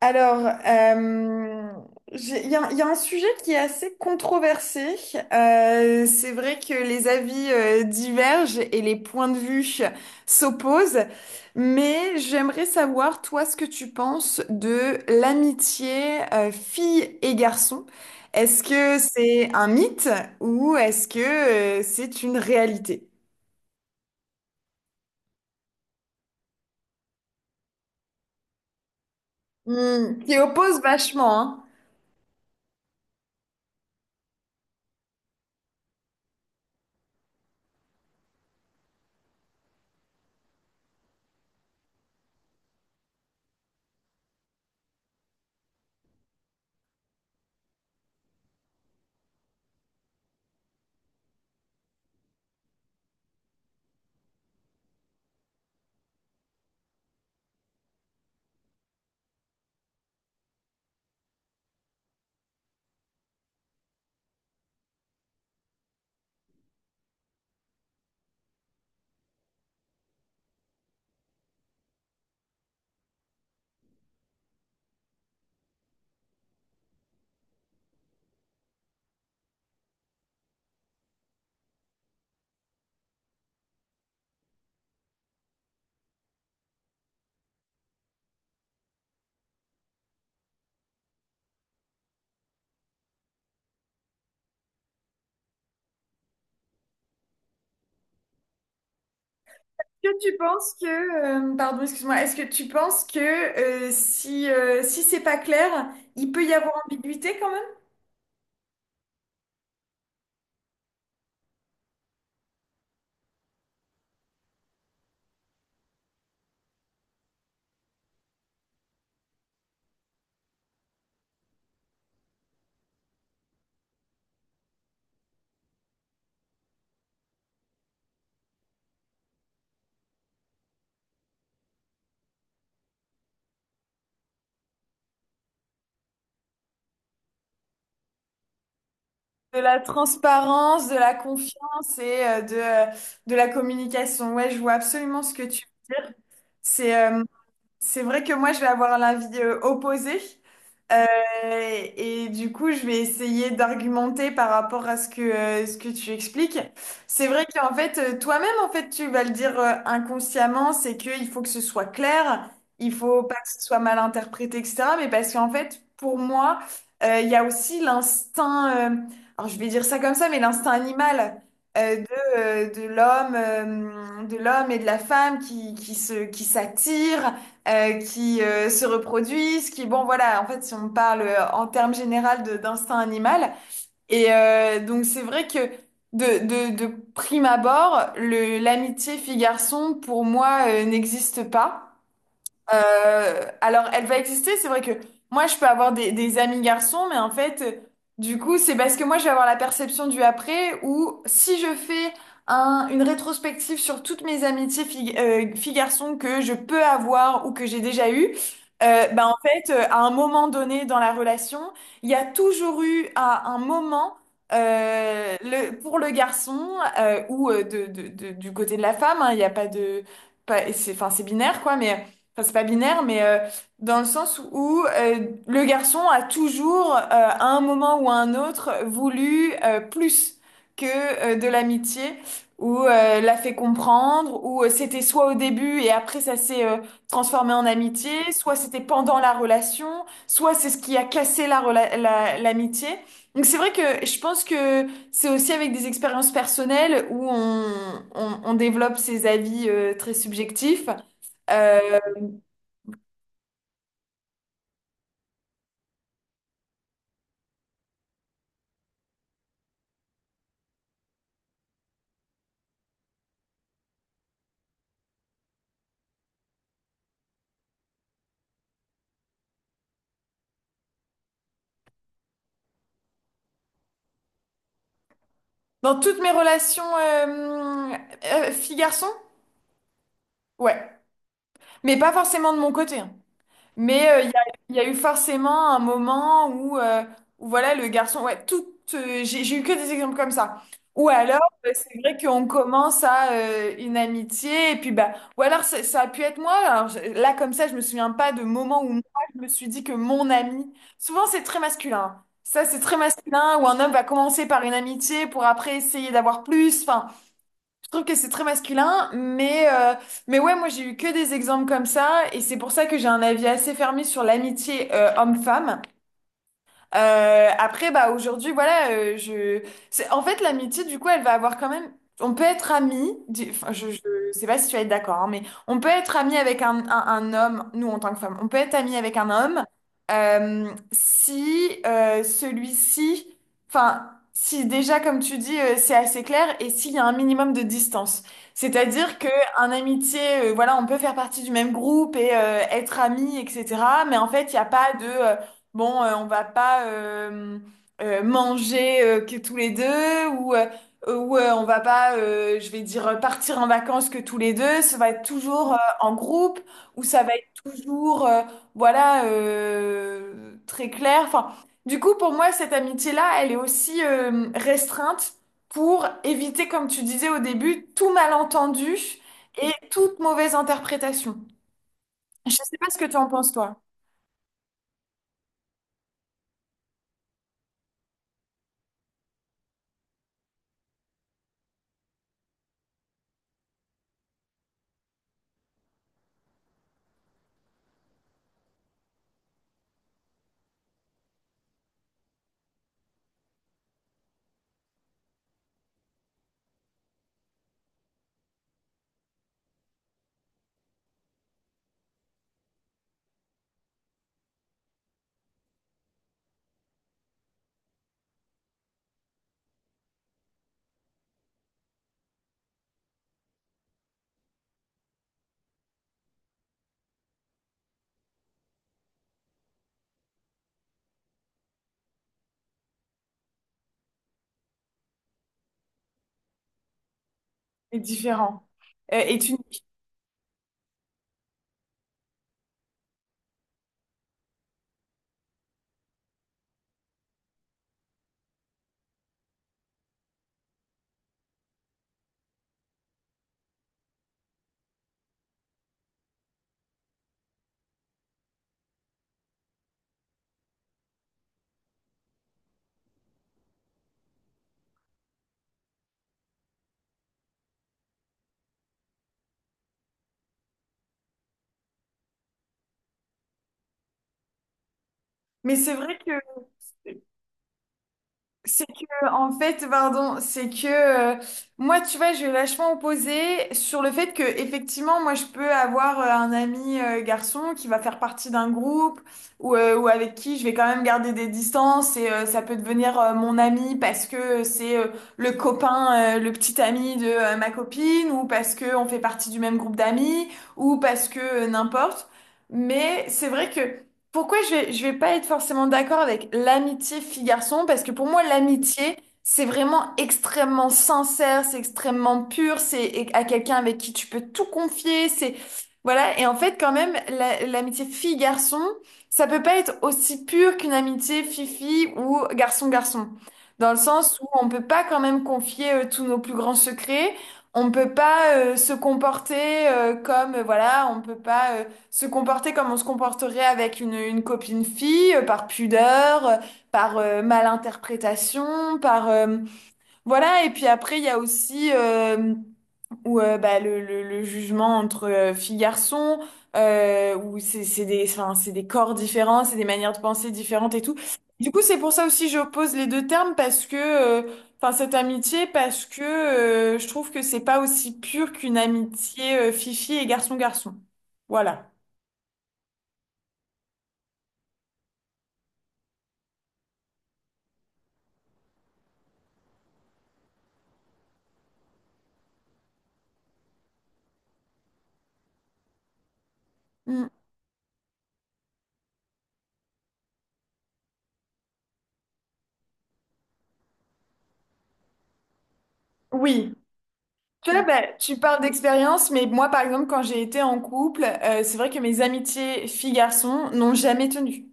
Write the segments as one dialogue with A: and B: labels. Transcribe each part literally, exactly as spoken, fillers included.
A: Alors, euh, j'ai- il y a, il y a un sujet qui est assez controversé. Euh, c'est vrai que les avis euh, divergent et les points de vue s'opposent, mais j'aimerais savoir, toi, ce que tu penses de l'amitié euh, fille et garçon. Est-ce que c'est un mythe ou est-ce que euh, c'est une réalité? Hmm, qui oppose vachement, hein. que tu penses que, euh, Pardon, excuse-moi, est-ce que tu penses que euh, si, euh, si c'est pas clair, il peut y avoir ambiguïté quand même? De la transparence, de la confiance et euh, de, euh, de la communication. Ouais, je vois absolument ce que tu veux dire. C'est euh, c'est vrai que moi, je vais avoir l'avis euh, opposé. Euh, et du coup, je vais essayer d'argumenter par rapport à ce que, euh, ce que tu expliques. C'est vrai qu'en fait, euh, toi-même, en fait, tu vas le dire euh, inconsciemment, c'est qu'il faut que ce soit clair, il faut pas que ce soit mal interprété, et cetera. Mais parce qu'en fait, pour moi, euh, il y a aussi l'instinct, euh, alors je vais dire ça comme ça, mais l'instinct animal euh, de, euh, de l'homme, euh, de l'homme et de la femme qui, qui se, qui s'attirent euh, qui euh, se reproduisent, qui, bon, voilà, en fait, si on parle euh, en termes généraux de- d'instinct animal. Et euh, donc, c'est vrai que de, de, de prime abord, le, l'amitié fille-garçon, pour moi, euh, n'existe pas. Euh, alors, elle va exister. C'est vrai que moi, je peux avoir des, des amis garçons, mais en fait, euh, du coup, c'est parce que moi, je vais avoir la perception du après où si je fais un, une rétrospective sur toutes mes amitiés filles, euh, filles-garçons que je peux avoir ou que j'ai déjà eues, euh, ben, en fait, euh, à un moment donné dans la relation, il y a toujours eu à un moment euh, le, pour le garçon euh, ou euh, de, de- de- du côté de la femme, hein, il n'y a pas de... Pas, c'est, Enfin, c'est binaire, quoi, mais enfin c'est pas binaire, mais euh, dans le sens où euh, le garçon a toujours, euh, à un moment ou à un autre, voulu euh, plus que euh, de l'amitié, ou euh, l'a fait comprendre, ou euh, c'était soit au début et après ça s'est euh, transformé en amitié, soit c'était pendant la relation, soit c'est ce qui a cassé la rela- la- l'amitié. Donc c'est vrai que je pense que c'est aussi avec des expériences personnelles où on, on, on développe ses avis euh, très subjectifs. Euh, Dans toutes mes relations euh, euh, fille-garçon? Ouais. Mais pas forcément de mon côté. hein. Mais euh, il y a, il y a eu forcément un moment où, euh, où voilà, le garçon... Ouais, tout, euh, j'ai, j'ai eu que des exemples comme ça. Ou alors, euh, c'est vrai qu'on commence à euh, une amitié, et puis bah... Ou alors, ça, ça a pu être moi. Alors, je- là, comme ça, je me souviens pas de moment où moi, je me suis dit que mon ami... Souvent, c'est très masculin. hein. Ça, c'est très masculin, où un homme va commencer par une amitié pour après essayer d'avoir plus. enfin, Je trouve que c'est très masculin, mais, euh, mais ouais, moi j'ai eu que des exemples comme ça, et c'est pour ça que j'ai un avis assez fermé sur l'amitié euh, homme-femme. Euh, après, bah aujourd'hui, voilà, euh, je. c'est- En fait, l'amitié, du coup, elle va avoir quand même. On peut être ami. di- Enfin, je, je sais pas si tu vas être d'accord, hein, mais on peut être ami avec un, un, un homme. Nous, en tant que femme, on peut être ami avec un homme euh, si euh, celui-ci, enfin, si déjà, comme tu dis, euh, c'est assez clair et s'il y a un minimum de distance. C'est-à-dire que un amitié, euh, voilà, on peut faire partie du même groupe et euh, être amis, et cetera. Mais en fait, il n'y a pas de euh, bon, euh, on va pas euh, euh, manger euh, que tous les deux ou, euh, ou euh, on va pas, euh, je vais dire, euh, partir en vacances que tous les deux. Ça va être toujours euh, en groupe ou ça va être toujours, euh, voilà, euh, très clair. Enfin, du coup, pour moi, cette amitié-là, elle est aussi euh, restreinte pour éviter, comme tu disais au début, tout malentendu et toute mauvaise interprétation. Je sais pas ce que tu en penses, toi, c'est différent. Euh, et tu Mais c'est vrai que c'est que en fait, pardon, c'est que euh, moi, tu vois, je vais vachement opposer sur le fait que effectivement, moi, je peux avoir euh, un ami euh, garçon qui va faire partie d'un groupe ou, euh, ou avec qui je vais quand même garder des distances et euh, ça peut devenir euh, mon ami parce que c'est euh, le copain, euh, le petit ami de euh, ma copine ou parce que on fait partie du même groupe d'amis ou parce que euh, n'importe. Mais c'est vrai que pourquoi je vais, je vais pas être forcément d'accord avec l'amitié fille-garçon? Parce que pour moi, l'amitié, c'est vraiment extrêmement sincère, c'est extrêmement pur, c'est é- à quelqu'un avec qui tu peux tout confier, c'est, voilà. Et en fait, quand même, la- l'amitié fille-garçon, ça peut pas être aussi pur qu'une amitié fille-fille ou garçon-garçon. Dans le sens où on peut pas quand même confier euh, tous nos plus grands secrets, on peut pas euh, se comporter euh, comme, euh, voilà, on peut pas euh, se comporter comme on se comporterait avec une, une copine fille, euh, par pudeur, euh, par euh, malinterprétation, par euh, voilà. Et puis après, il y a aussi euh, où, euh, bah, le, le, le jugement entre euh, filles garçons. Euh, où c'est c'est des enfin, c'est des corps différents, c'est des manières de penser différentes et tout. Du coup, c'est pour ça aussi que j'oppose les deux termes parce que euh, enfin cette amitié parce que euh, je trouve que c'est pas aussi pur qu'une amitié euh, fille-fille et garçon-garçon. Voilà. Mm. Oui, tu bah, tu parles d'expérience, mais moi, par exemple, quand j'ai été en couple, euh, c'est vrai que mes amitiés filles-garçons n'ont jamais tenu.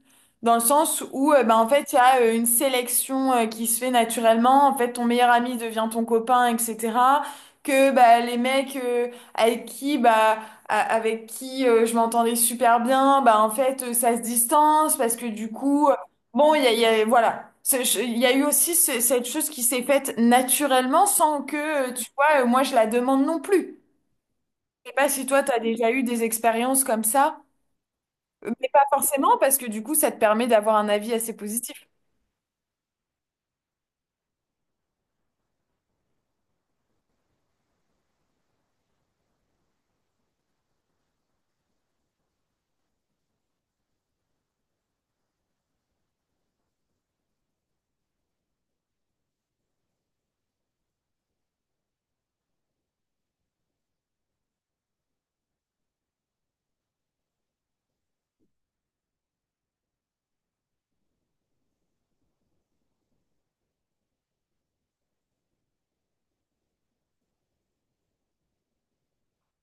A: Dans le sens où, euh, bah, en fait, il y a euh, une sélection euh, qui se fait naturellement. En fait, ton meilleur ami devient ton copain, et cetera. Que bah, les mecs euh, avec qui, bah, a- avec qui euh, je m'entendais super bien, bah, en fait, euh, ça se distance parce que du coup, Bon, il y a, il y a- voilà. C'est- je- Il y a eu aussi ce- cette chose qui s'est faite naturellement sans que, euh, tu vois, euh, moi je la demande non plus. Je sais pas si toi, tu as déjà eu des expériences comme ça, euh, mais pas forcément parce que du coup, ça te permet d'avoir un avis assez positif.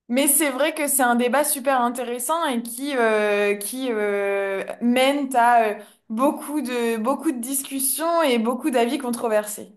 A: Mais c'est vrai que c'est un débat super intéressant et qui, euh, qui euh, mène à euh, beaucoup de, beaucoup de discussions et beaucoup d'avis controversés.